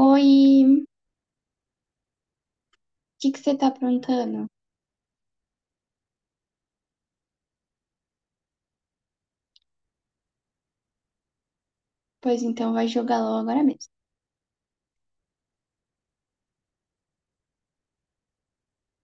Oi, o que que você tá aprontando? Pois então, vai jogar LOL agora mesmo.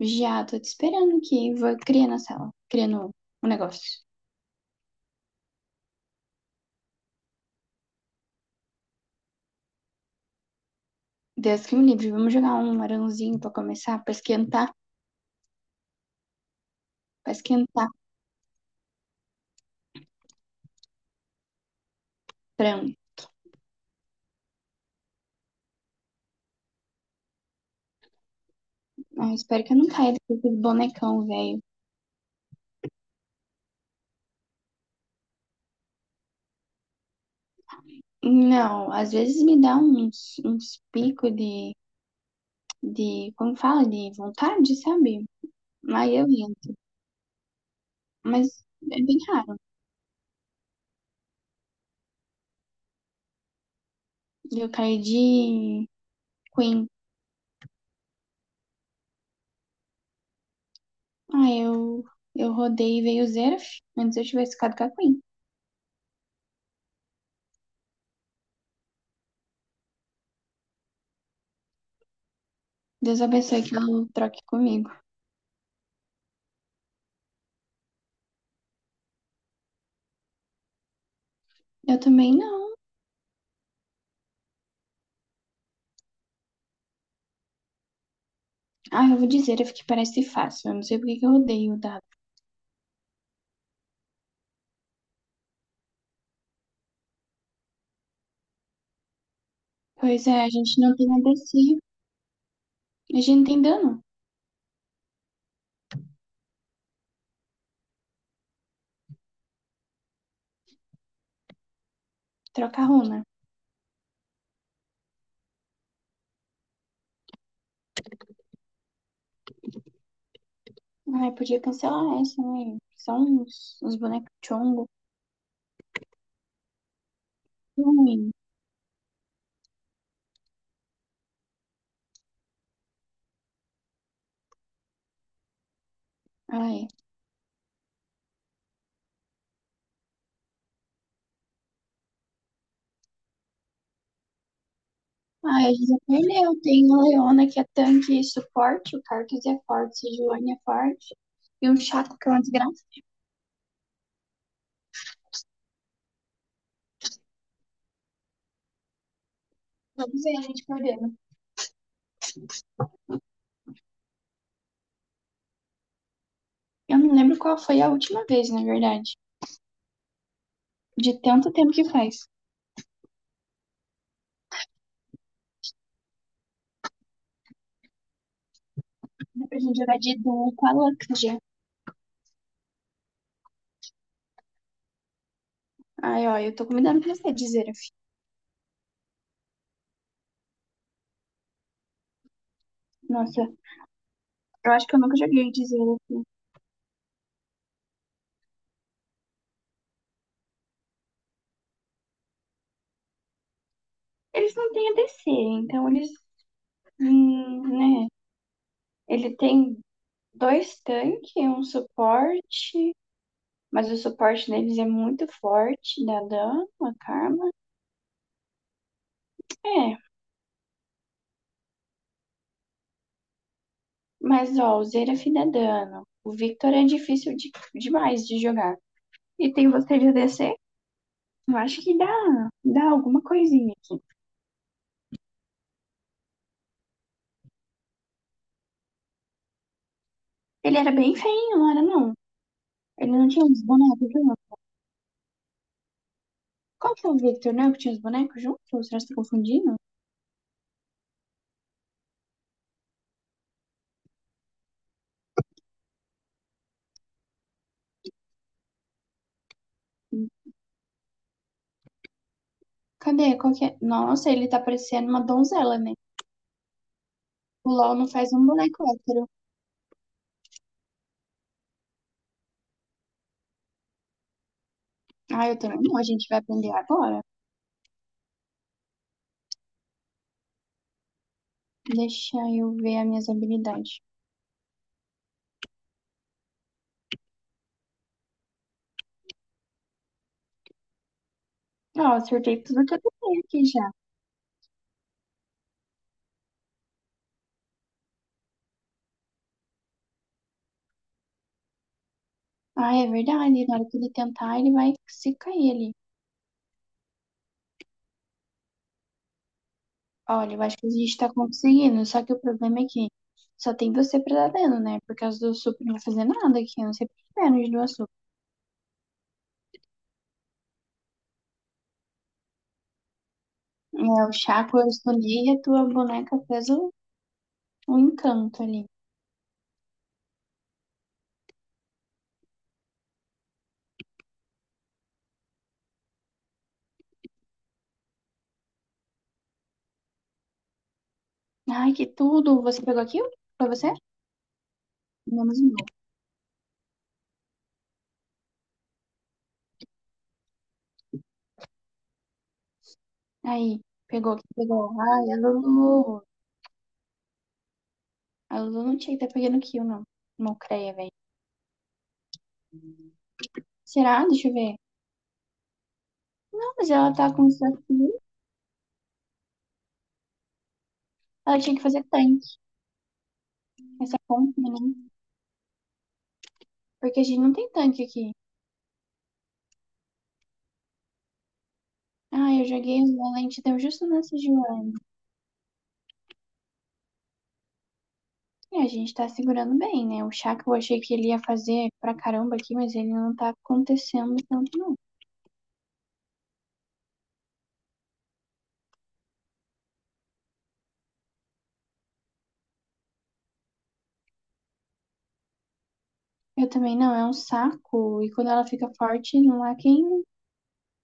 Já tô te esperando aqui. Vou criar na sala, criando um negócio. Deus que me livre, vamos jogar um arãozinho pra começar, pra esquentar, pra esquentar. Frango. Ah, espero que eu não caia desse bonecão, velho. Não, às vezes me dá uns, uns picos de, como fala, de vontade, sabe? Aí eu entro. Mas é bem raro. Eu caí de Queen. Ah, eu rodei e veio o Zeraf. Antes eu tivesse ficado com a Queen. Deus abençoe que ela troque comigo. Eu também não. Ah, eu vou dizer, eu fiquei parece fácil. Eu não sei por que que eu rodei o dado. Pois é, a gente não tem ADC. A gente não tem dano. Troca a runa. Ai, podia cancelar essa, né? São uns, uns bonecos chongo. Ruim. Ai. Ai, a gente já perdeu. Tem a Leona que é tanque e suporte. O Cartus é forte. O Joane é forte. E o Chaco que é uma desgraça. Vamos ver, a gente perdeu. Eu não lembro qual foi a última vez, na verdade. De tanto tempo que faz. Dá pra gente jogar de duo com a Luxia. Ai, ó, eu tô convidando pra você, de Zeraf. Nossa, eu acho que eu nunca joguei de Zeraf. Eles não têm ADC, então eles. Hum, né? Ele tem dois tanques, um suporte. Mas o suporte deles é muito forte, dá dano, a Karma. É, mas ó, o Zeraf dá dano. O Victor é difícil demais de jogar. E tem você de ADC? Eu acho que dá alguma coisinha aqui. Ele era bem feinho, não era não? Ele não tinha uns bonecos junto? Qual que é o Victor, né? Que tinha os bonecos junto? Será que você tá confundindo? Cadê? Qual que é? Nossa, ele tá parecendo uma donzela, né? O LOL não faz um boneco hétero. Ah, eu também não. A gente vai aprender agora. Deixa eu ver as minhas habilidades. Ó, acertei tudo que eu tentei aqui já. Ah, é verdade. Na hora que ele tentar, ele vai se cair ali. Olha, eu acho que a gente tá conseguindo, só que o problema é que só tem você pretendendo, né? Por causa do açúcar não vai fazer nada aqui, eu não sei por que menos do açúcar. É, o Chaco eu escondi e a tua boneca fez um, um encanto ali. Ai, que tudo! Você pegou aquilo? Foi você? Menos o meu. Aí, pegou aqui, pegou. Ai, a Lulu. A Lulu não tinha que estar pegando aquilo, não. Mocreia, velho. Será? Deixa eu ver. Não, mas ela tá com isso aqui. Ela tinha que fazer tanque. Essa conta, né? Porque a gente não tem tanque aqui. Ah, eu joguei um valente, deu justo nessa Joana. E a gente tá segurando bem, né? O chá que eu achei que ele ia fazer pra caramba aqui, mas ele não tá acontecendo tanto, não. Eu também não, é um saco. E quando ela fica forte, não há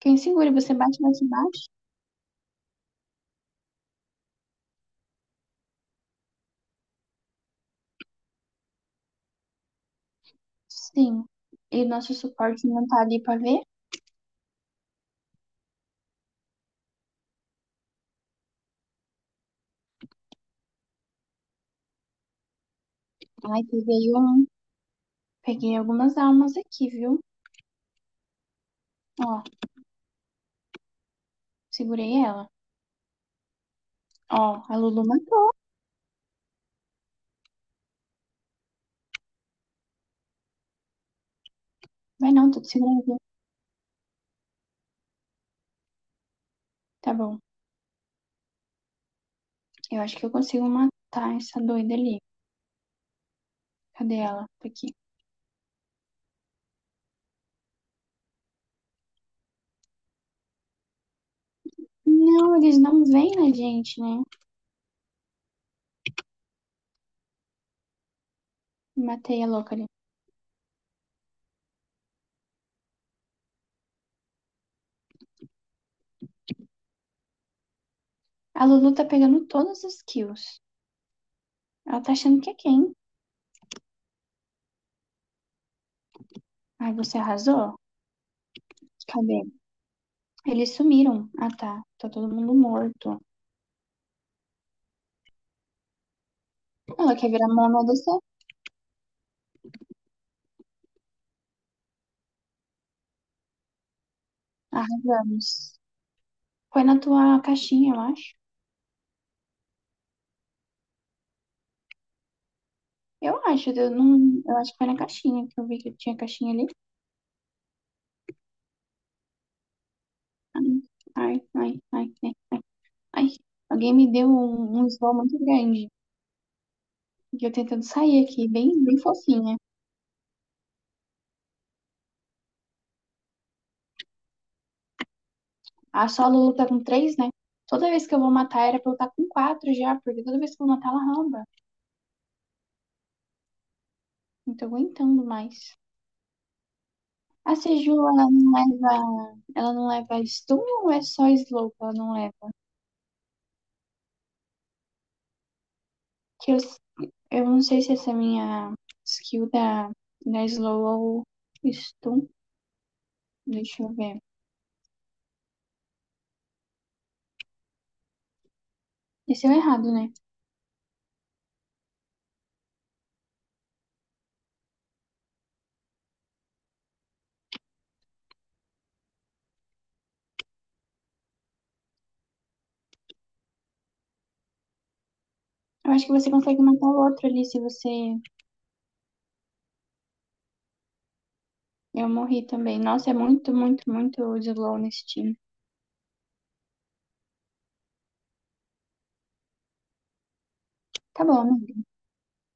quem segure. Você bate, bate, bate. Sim. E nosso suporte não tá ali pra ver. Ai, peguei um. Peguei algumas almas aqui, viu? Ó, segurei ela. Ó, a Lulu matou. Vai não, tô te segurando. Tá bom. Eu acho que eu consigo matar essa doida ali. Cadê ela? Tá aqui. Não, eles não vêm na gente, né? Matei a louca ali. A Lulu tá pegando todas as kills. Ela tá achando que é quem? Ai, você arrasou? Cadê? Eles sumiram. Ah, tá. Tá todo mundo morto. Ela quer virar mono dessa? Arrasamos. Foi na tua caixinha, eu acho. Eu acho, eu não. Eu acho que foi na caixinha que eu vi que tinha caixinha ali. Ai, ai, ai, ai, ai. Alguém me deu um, um slow muito grande. E eu tentando sair aqui, bem, bem fofinha. A Solo luta com três, né? Toda vez que eu vou matar era pra eu estar com quatro já, porque toda vez que eu vou matar ela ramba. Não tô aguentando mais. A Seju, ela não leva. Ela não leva stun ou é só slow que ela não leva? Que eu não sei se essa é a minha skill da slow ou stun. Deixa eu ver. Esse é o errado, né? Eu acho que você consegue matar o outro ali se você. Eu morri também. Nossa, é muito, muito, muito slow nesse time. Tá bom, amigo.